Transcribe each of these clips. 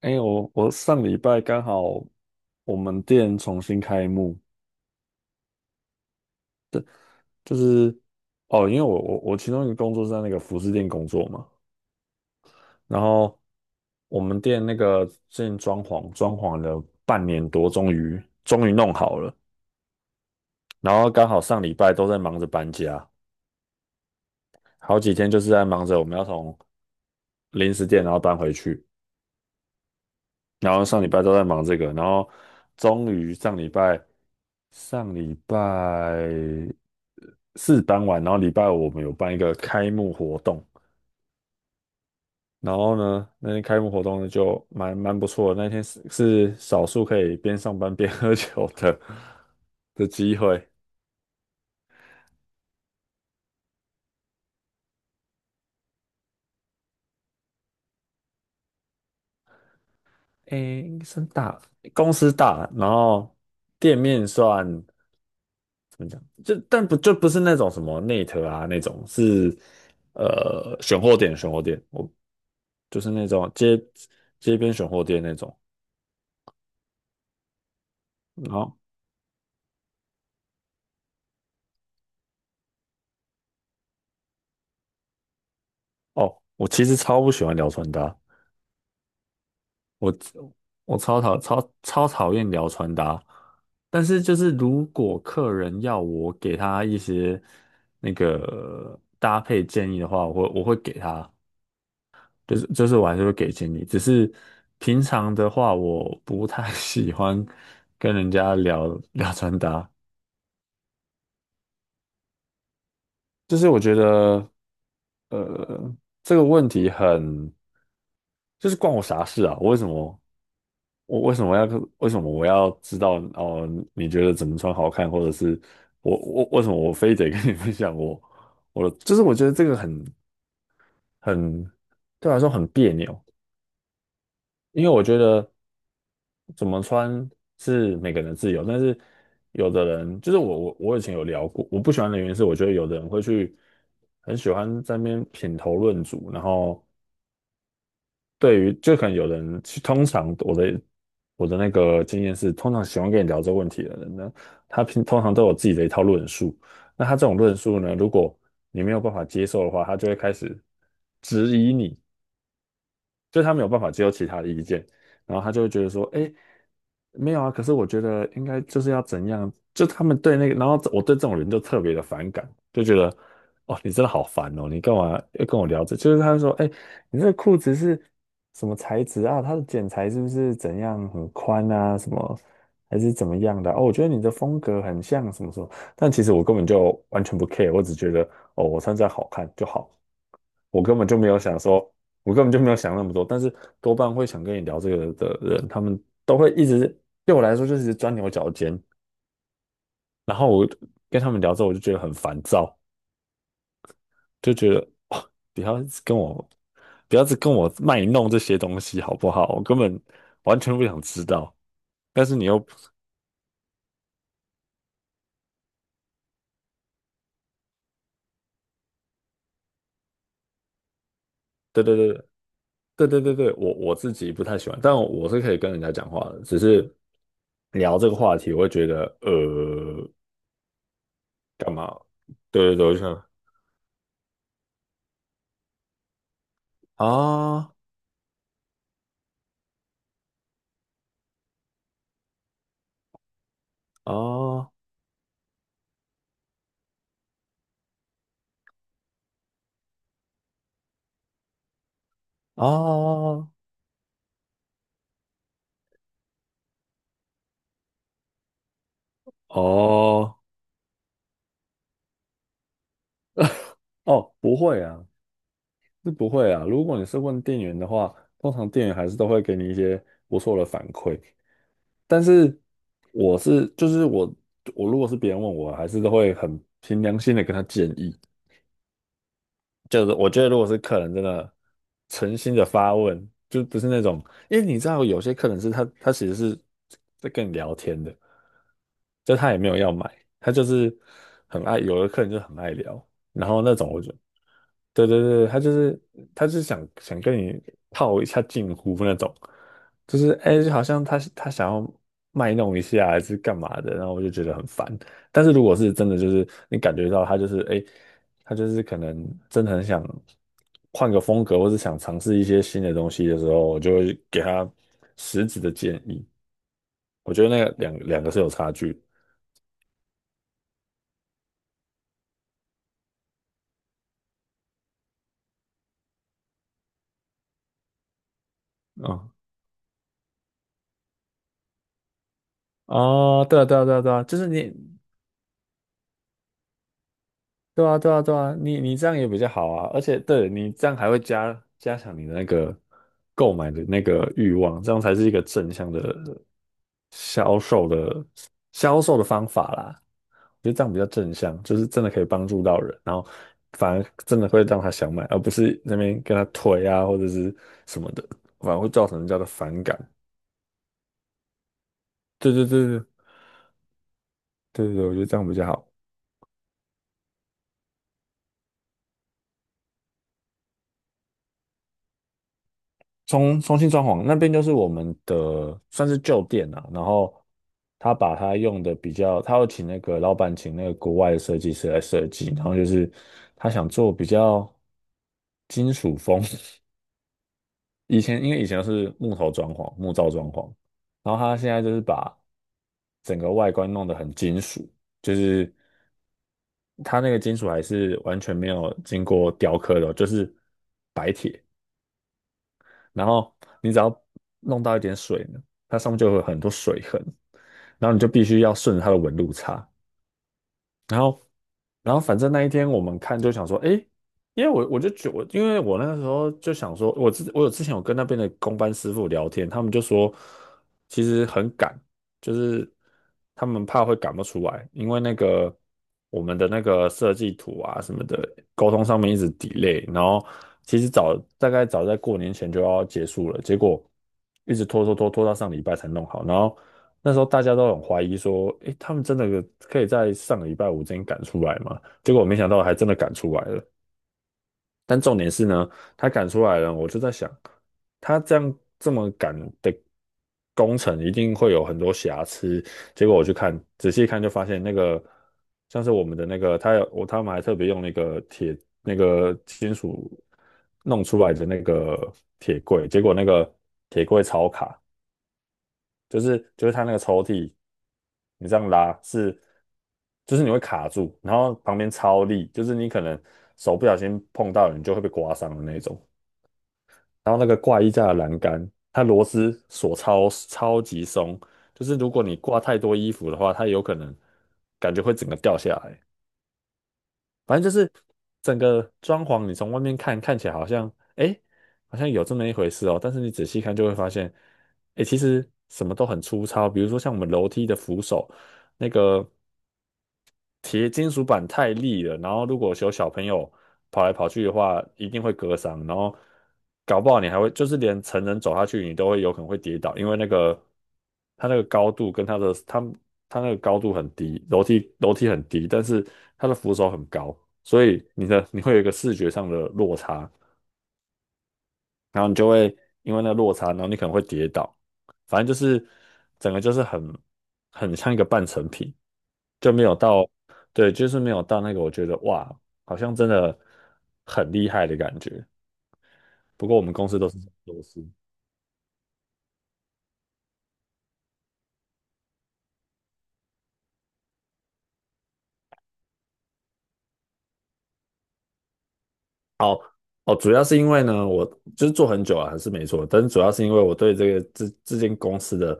哎、我上礼拜刚好我们店重新开幕，就是哦，因为我其中一个工作是在那个服饰店工作嘛，然后我们店那个最近装潢装潢了半年多，终于弄好了，然后刚好上礼拜都在忙着搬家，好几天就是在忙着我们要从零食店然后搬回去，然后上礼拜都在忙这个，然后终于上礼拜四搬晚，然后礼拜五我们有办一个开幕活动，然后呢，那天开幕活动呢就蛮不错的，那天是少数可以边上班边 喝酒的机会。诶，应该算大，公司大，然后店面算就不是那种什么内特啊那种，是选货点我就是那种街边选货店那种。然后哦，我其实超不喜欢聊穿搭，我我超超讨厌聊穿搭。但是就是如果客人要我给他一些那个搭配建议的话，我会给他，就是我还是会给建议。只是平常的话，我不太 喜欢跟人家聊聊穿搭，就是我觉得呃这个问题很。就是关我啥事啊？我为什么要为什么我要知道哦？你觉得怎么穿好看，或者是我为什么我非得跟你 分享我的？就是我觉得这个很对我来说很别扭，因为我觉得怎么穿是每个人的自由，但是有的人就是我以前有聊过，我不喜欢的原因是我觉得有的人会去很喜欢在那边品头论足，然后。对于就可能有人，通常我的那个经验是，通常喜欢跟你聊这个问题的人呢，他通常都有自己的一套论述。那他这种论述呢，如果你没有办法接受的话，他就会开始质疑你，就是他没有办法接受其他的意见，然后他就会觉得说，哎，没有啊，可是我觉得应该就是要怎样，就他们对那个，然后我对这种人就特别的反感，就觉得，哦，你真的好烦哦，你干嘛要跟我聊这？就是他就说，哎，你这个裤子是什么材质啊？它的剪裁是不是怎样很宽啊？什么还是怎么样的啊哦，我觉得你的风格很像什么什么，但其实我根本就完全不 care，我只觉得，哦，我穿这样好看就好。我根本就没有想说，我根本就没有想那么多，但是多半会想跟你聊这个的人，他们都会一直对我来说就是一直钻牛角尖，然后我跟他们聊之后，我就觉得很烦躁，就觉得哦，不要一直跟我卖弄这些东西好不好？我根本完全不想知道，但是你又。对对对。对对对对，我自己不太喜欢，但我是可以跟人家讲话的，只是聊这个话题，我会觉得干嘛？对对对，我就想啊，啊啊哦哦，不会啊，是不会啊。如果你是问店员的话，通常店员还是都会给你一些不错的反馈。但是我是就是我我如果是别人问我，还是都会很凭良心的跟他建议。就是我觉得，如果是客人真的诚心的发问，就不是那种，因为你知道有些客人是他其实是在跟你聊天的，就他也没有要买，他就是很爱，有的客人就很爱聊，然后那种我就，对对对，他就是想跟你套一下近乎那种，就是哎，就好像他想要卖弄一下还是干嘛的，然后我就觉得很烦。但是如果是真的，就是你感觉到他就是哎。他就是可能真的很想换个风格，或是想尝试一些新的东西的时候，我就会给他实质的建议。我觉得那个两个是有差距啊啊。哦对啊，对啊，对啊，对啊，就是你对啊，对啊，对啊，你这样也比较好啊，而且对你这样还会加强你的那个购买的那个欲望，这样才是一个正向的销售的销售的方法啦。我觉得这样比较正向，就是真的可以帮助到人，然后反而真的会让他想买，而不是那边跟他推啊或者是什么的，反而会造成人家的反感。对对对对对对，我觉得这样比较好。重新装潢那边就是我们的算是旧店啊，然后他把他用的比较，他要请那个老板请那个国外的设计师来设计，然后就是他想做比较金属风，因为以前是木头装潢、木造装潢，然后他现在就是把整个外观弄得很金属，就是它那个金属还是完全没有经过雕刻的哦就是白铁。然后你只要弄到一点水呢，它上面就会有很多水痕，然后你就必须要顺着它的纹路擦，然后，然后反正那一天我们看就想说，诶，因为我那个时候就想说，我之我有之前有跟那边的工班师傅聊天，他们就说其实很赶，就是他们怕会赶不出来，因为那个我们的那个设计图啊什么的沟通上面一直 delay，然后其实大概早在过年前就要结束了，结果一直拖拖拖拖到上礼拜才弄好，然后那时候大家都很怀疑说，诶，他们真的可以在上个礼拜五之前赶出来吗？结果我没想到还真的赶出来了。但重点是呢，他赶出来了，我就在想，他这样这么赶的工程一定会有很多瑕疵。结果我去看，仔细看就发现那个像是我们的那个，他有我他们还特别用那个铁那个金属弄出来的那个铁柜，结果那个铁柜超卡。就是它那个抽屉，你这样拉是，就是你会卡住，然后旁边超力，就是你可能手不小心碰到了，你就会被刮伤的那种。然后那个挂衣架的栏杆，它螺丝锁超超级松，就是如果你挂太多衣服的话，它有可能感觉会整个掉下来。反正就是整个装潢，你从外面看起来好像，哎，好像有这么一回事哦。但是你仔细看就会发现，哎，其实什么都很粗糙。比如说像我们楼梯的扶手，那个铁金属板太利了，然后如果有小朋友跑来跑去的话，一定会割伤，然后搞不好你还会就是连成人走下去，你都会有可能会跌倒，因为那个它那个高度跟它的它它那个高度很低，楼梯很低，但是它的扶手很高，所以你会有一个视觉上的落差。然后你就会因为那个落差，然后你可能会跌倒，反正就是整个就是很像一个半成品，就没有到，对，就是没有到那个我觉得哇，好像真的很厉害的感觉。不过我们公司都是这样做事。哦哦，主要是因为呢，我就是做很久了，还是没错，但是主要是因为我对这间公司的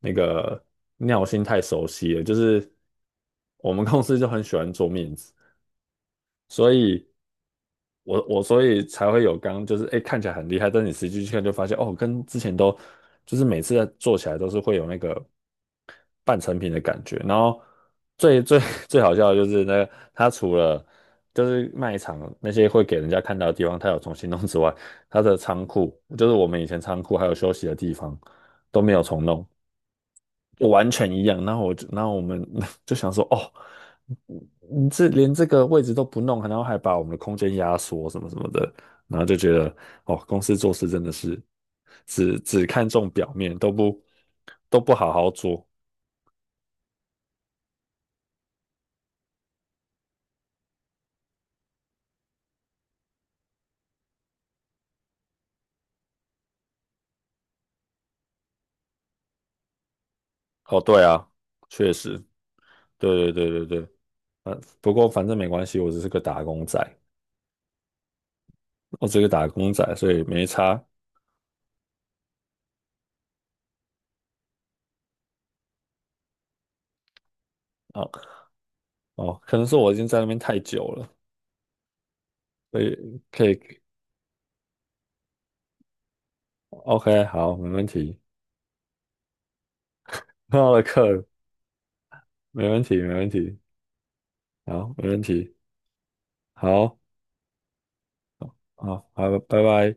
那个尿性太熟悉了，就是我们公司就很喜欢做面子。所以我所以才会有刚就是哎、诶看起来很厉害，但你实际去看就发现哦，跟之前都就是每次在做起来都是会有那个半成品的感觉。然后最最 最好笑的就是那个他除了就是卖场那些会给人家看到的地方，他有重新弄之外，他的仓库就是我们以前仓库还有休息的地方都没有重弄，完全一样。然后我就，然后我们 就想说，哦，你这连这个位置都不弄，然后还把我们的空间压缩什么什么的，然后就觉得，哦，公司做事真的是只看重表面，都不好好做。哦，对啊，确实，对对对对对，不过反正没关系，我只是个打工仔，我只是个打工仔，所以没差。哦哦，可能是我已经在那边太久了，所以可以，OK，好，没问题。很好的课，没问题，没问题，好，没问题，好，好，好，拜拜。